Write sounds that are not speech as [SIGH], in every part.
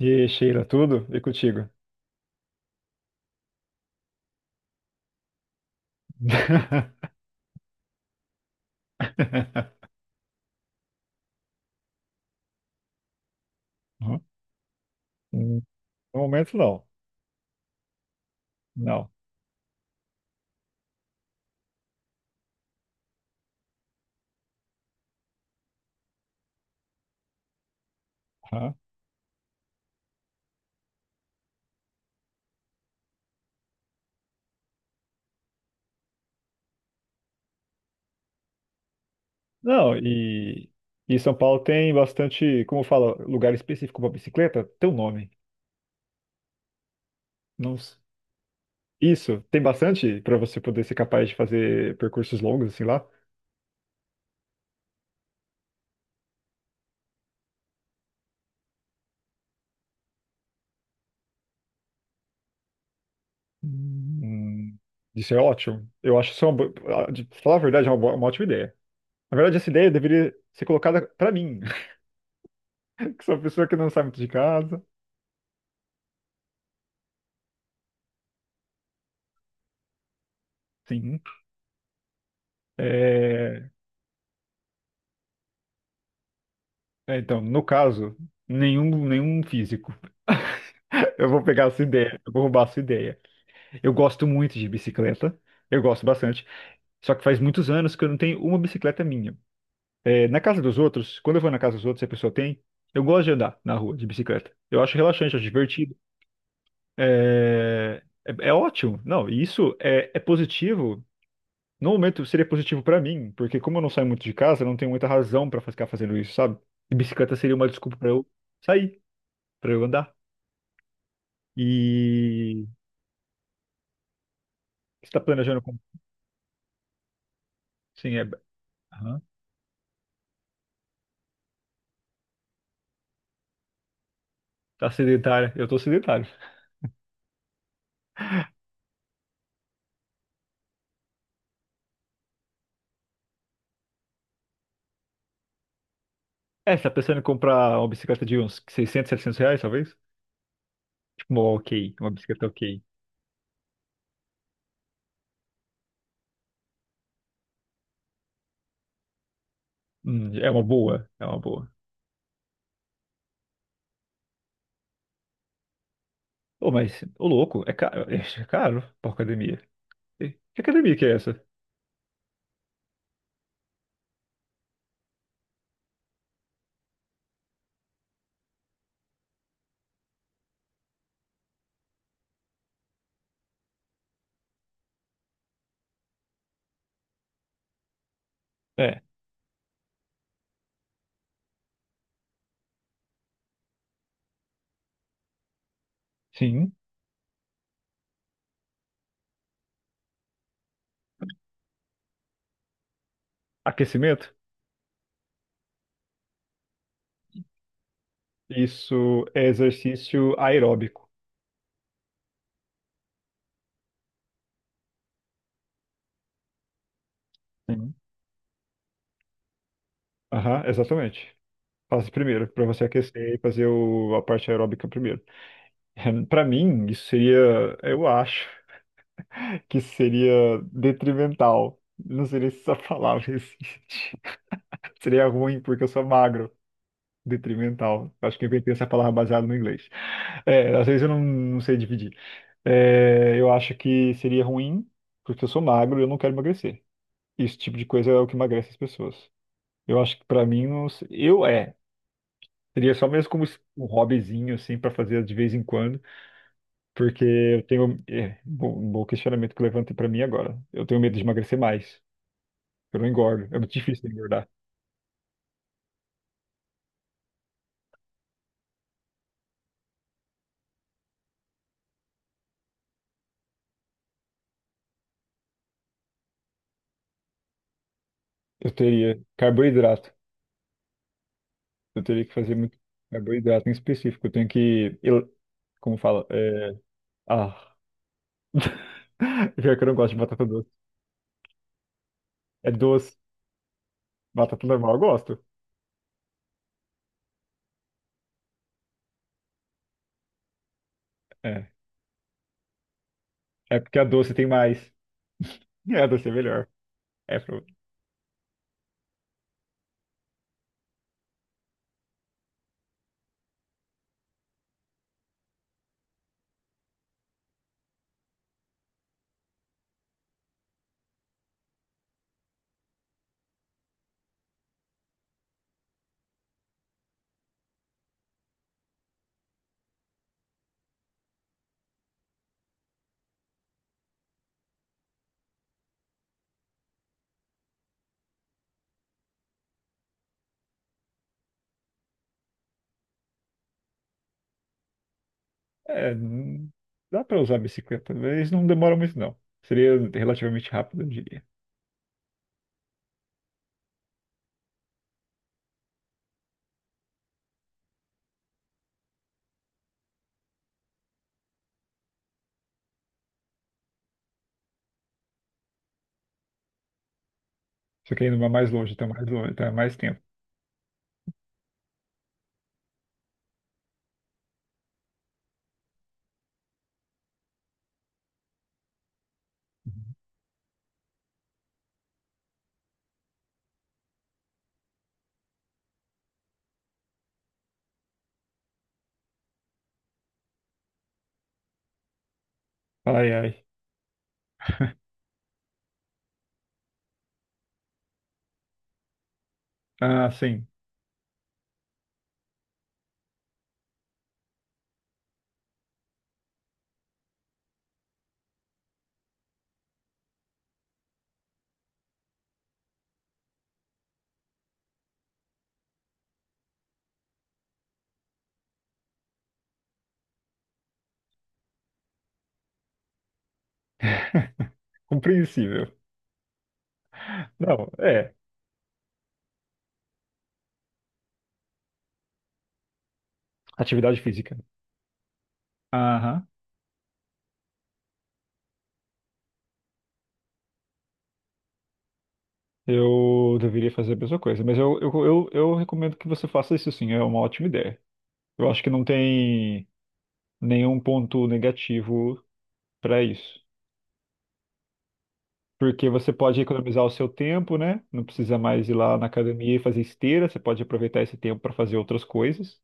E Sheila, tudo? E contigo? [LAUGHS] Hum, No momento, não. Não. Hã? Não, e São Paulo tem bastante, como fala, lugar específico para bicicleta? Teu nome. Não, isso, tem bastante para você poder ser capaz de fazer percursos longos, assim lá. hum, Isso é ótimo. Eu acho isso de falar a verdade, é uma ótima ideia. Na verdade, essa ideia deveria ser colocada para mim, [LAUGHS] que sou uma pessoa que não sai muito de casa. Sim. É, então, no caso, nenhum físico. [LAUGHS] Eu vou pegar a sua ideia, eu vou roubar a sua ideia. Eu gosto muito de bicicleta, eu gosto bastante. Só que faz muitos anos que eu não tenho uma bicicleta minha. É, na casa dos outros, quando eu vou na casa dos outros e a pessoa tem, eu gosto de andar na rua de bicicleta. Eu acho relaxante, acho divertido. É, é, é ótimo. Não, e isso é positivo. No momento seria positivo pra mim, porque como eu não saio muito de casa, eu não tenho muita razão pra ficar fazendo isso, sabe? E bicicleta seria uma desculpa pra eu sair, pra eu andar. E você está planejando com... Sim, é... Aham. Tá sedentário. Eu tô sedentário. É, você tá pensando em comprar uma bicicleta de uns 600, 700 reais, talvez? Tipo uma ok, uma bicicleta ok. É uma boa, é uma boa. Ô, mas, ô louco, é caro, é caro pra academia. E, que academia que é essa? É, sim. Aquecimento? Isso é exercício aeróbico. Sim. Aham, exatamente. Faz primeiro, pra você aquecer e fazer a parte aeróbica primeiro. [LAUGHS] Para mim, isso seria, eu acho [LAUGHS] que seria detrimental. Não seria se essa palavra existe. [LAUGHS] Seria ruim porque eu sou magro. Detrimental. Acho que eu inventei essa palavra baseada no inglês. É, às vezes eu não sei dividir. É, eu acho que seria ruim porque eu sou magro e eu não quero emagrecer. Esse tipo de coisa é o que emagrece as pessoas. Eu acho que para mim, não, eu é. Seria só mesmo como um hobbyzinho, assim, para fazer de vez em quando. Porque eu tenho. É, bom, um bom questionamento que levantei pra mim agora. Eu tenho medo de emagrecer mais. Eu não engordo. É muito difícil engordar. Eu teria carboidrato. Eu teria que fazer muito carboidrato em específico. Eu tenho que. Como fala? É, ah. [LAUGHS] Pior que eu não gosto de batata doce. É doce. Batata normal eu gosto. É. É porque a doce tem mais. É, a doce é melhor. É, é, hum, dá pra usar a bicicleta, mas não demora muito, não. Seria relativamente rápido, eu diria. Só que indo mais longe, tá mais longe, tá mais tempo. Uhum. Ai, ai. Ah, sim. [LAUGHS] Compreensível. Não, é. Atividade física. Aham. Eu deveria fazer a mesma coisa, mas eu recomendo que você faça isso sim, é uma ótima ideia. Eu acho que não tem nenhum ponto negativo para isso. Porque você pode economizar o seu tempo, né? Não precisa mais ir lá na academia e fazer esteira, você pode aproveitar esse tempo para fazer outras coisas.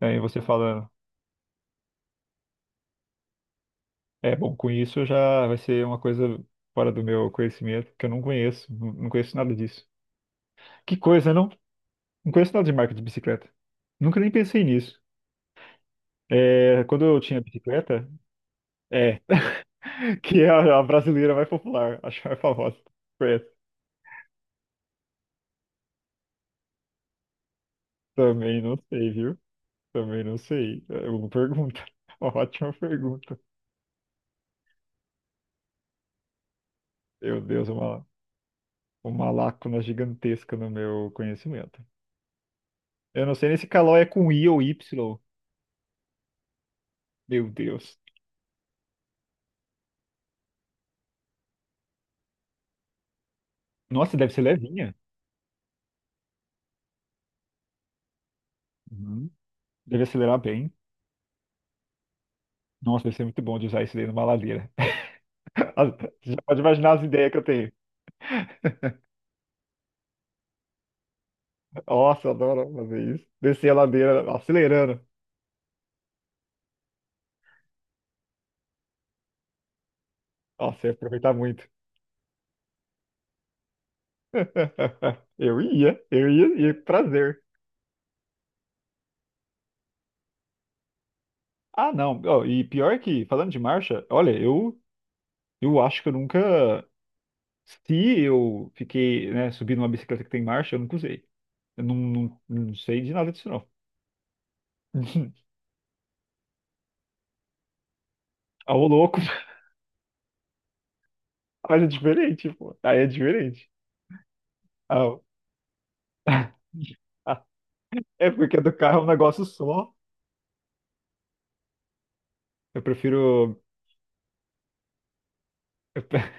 Aí você fala, é, bom, com isso já vai ser uma coisa fora do meu conhecimento, que eu não conheço, não conheço nada disso. Que coisa, não? Não conheço nada de marca de bicicleta. Nunca nem pensei nisso. É, quando eu tinha bicicleta, é, [LAUGHS] que é a brasileira mais popular, [LAUGHS] a mais famosa. É, também não sei, viu? Também não sei. É uma pergunta, [LAUGHS] uma ótima pergunta. Meu Deus, uma lacuna gigantesca no meu conhecimento. Eu não sei nem se Calói é com I ou Y. Meu Deus. Nossa, deve ser levinha. Uhum. Deve acelerar bem. Nossa, deve ser muito bom de usar isso daí numa ladeira. [LAUGHS] As- Você já pode imaginar as ideias que eu tenho. [LAUGHS] Nossa, eu adoro fazer isso. Descer a ladeira acelerando. Nossa, eu ia aproveitar muito. [LAUGHS] Eu ia, e prazer. Ah, não. Ó, e pior que, falando de marcha, olha, eu acho que eu nunca. Se eu fiquei, né, subindo uma bicicleta que tem marcha, eu nunca usei. Eu não sei de nada disso, não. [LAUGHS] Ah, ô louco. Mas é diferente, pô. Aí é diferente. Ah. [LAUGHS] É porque do carro é um negócio só. Eu prefiro. eu pre-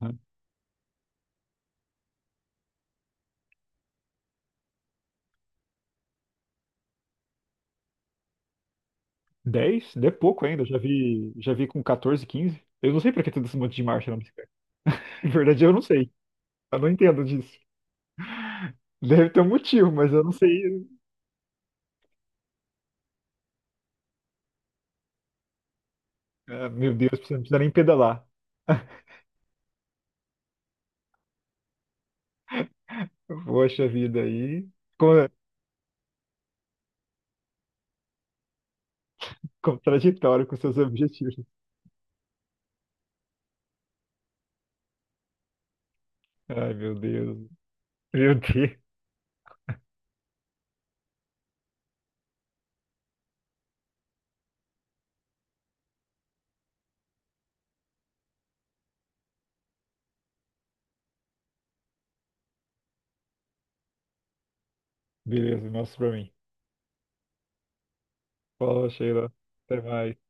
[LAUGHS] 10? É pouco ainda. Eu já vi, já vi com 14, 15. Eu não sei pra que tem esse monte de marcha na bicicleta. [LAUGHS] Na verdade, eu não sei. Eu não entendo disso. Deve ter um motivo, mas eu não sei. Ah, meu Deus, você não precisa nem pedalar. [LAUGHS] Poxa vida aí. Co- Contraditório com seus objetivos. Ai, meu Deus. Meu Deus. Beleza, mostra pra mim. Fala, Sheila. Até mais.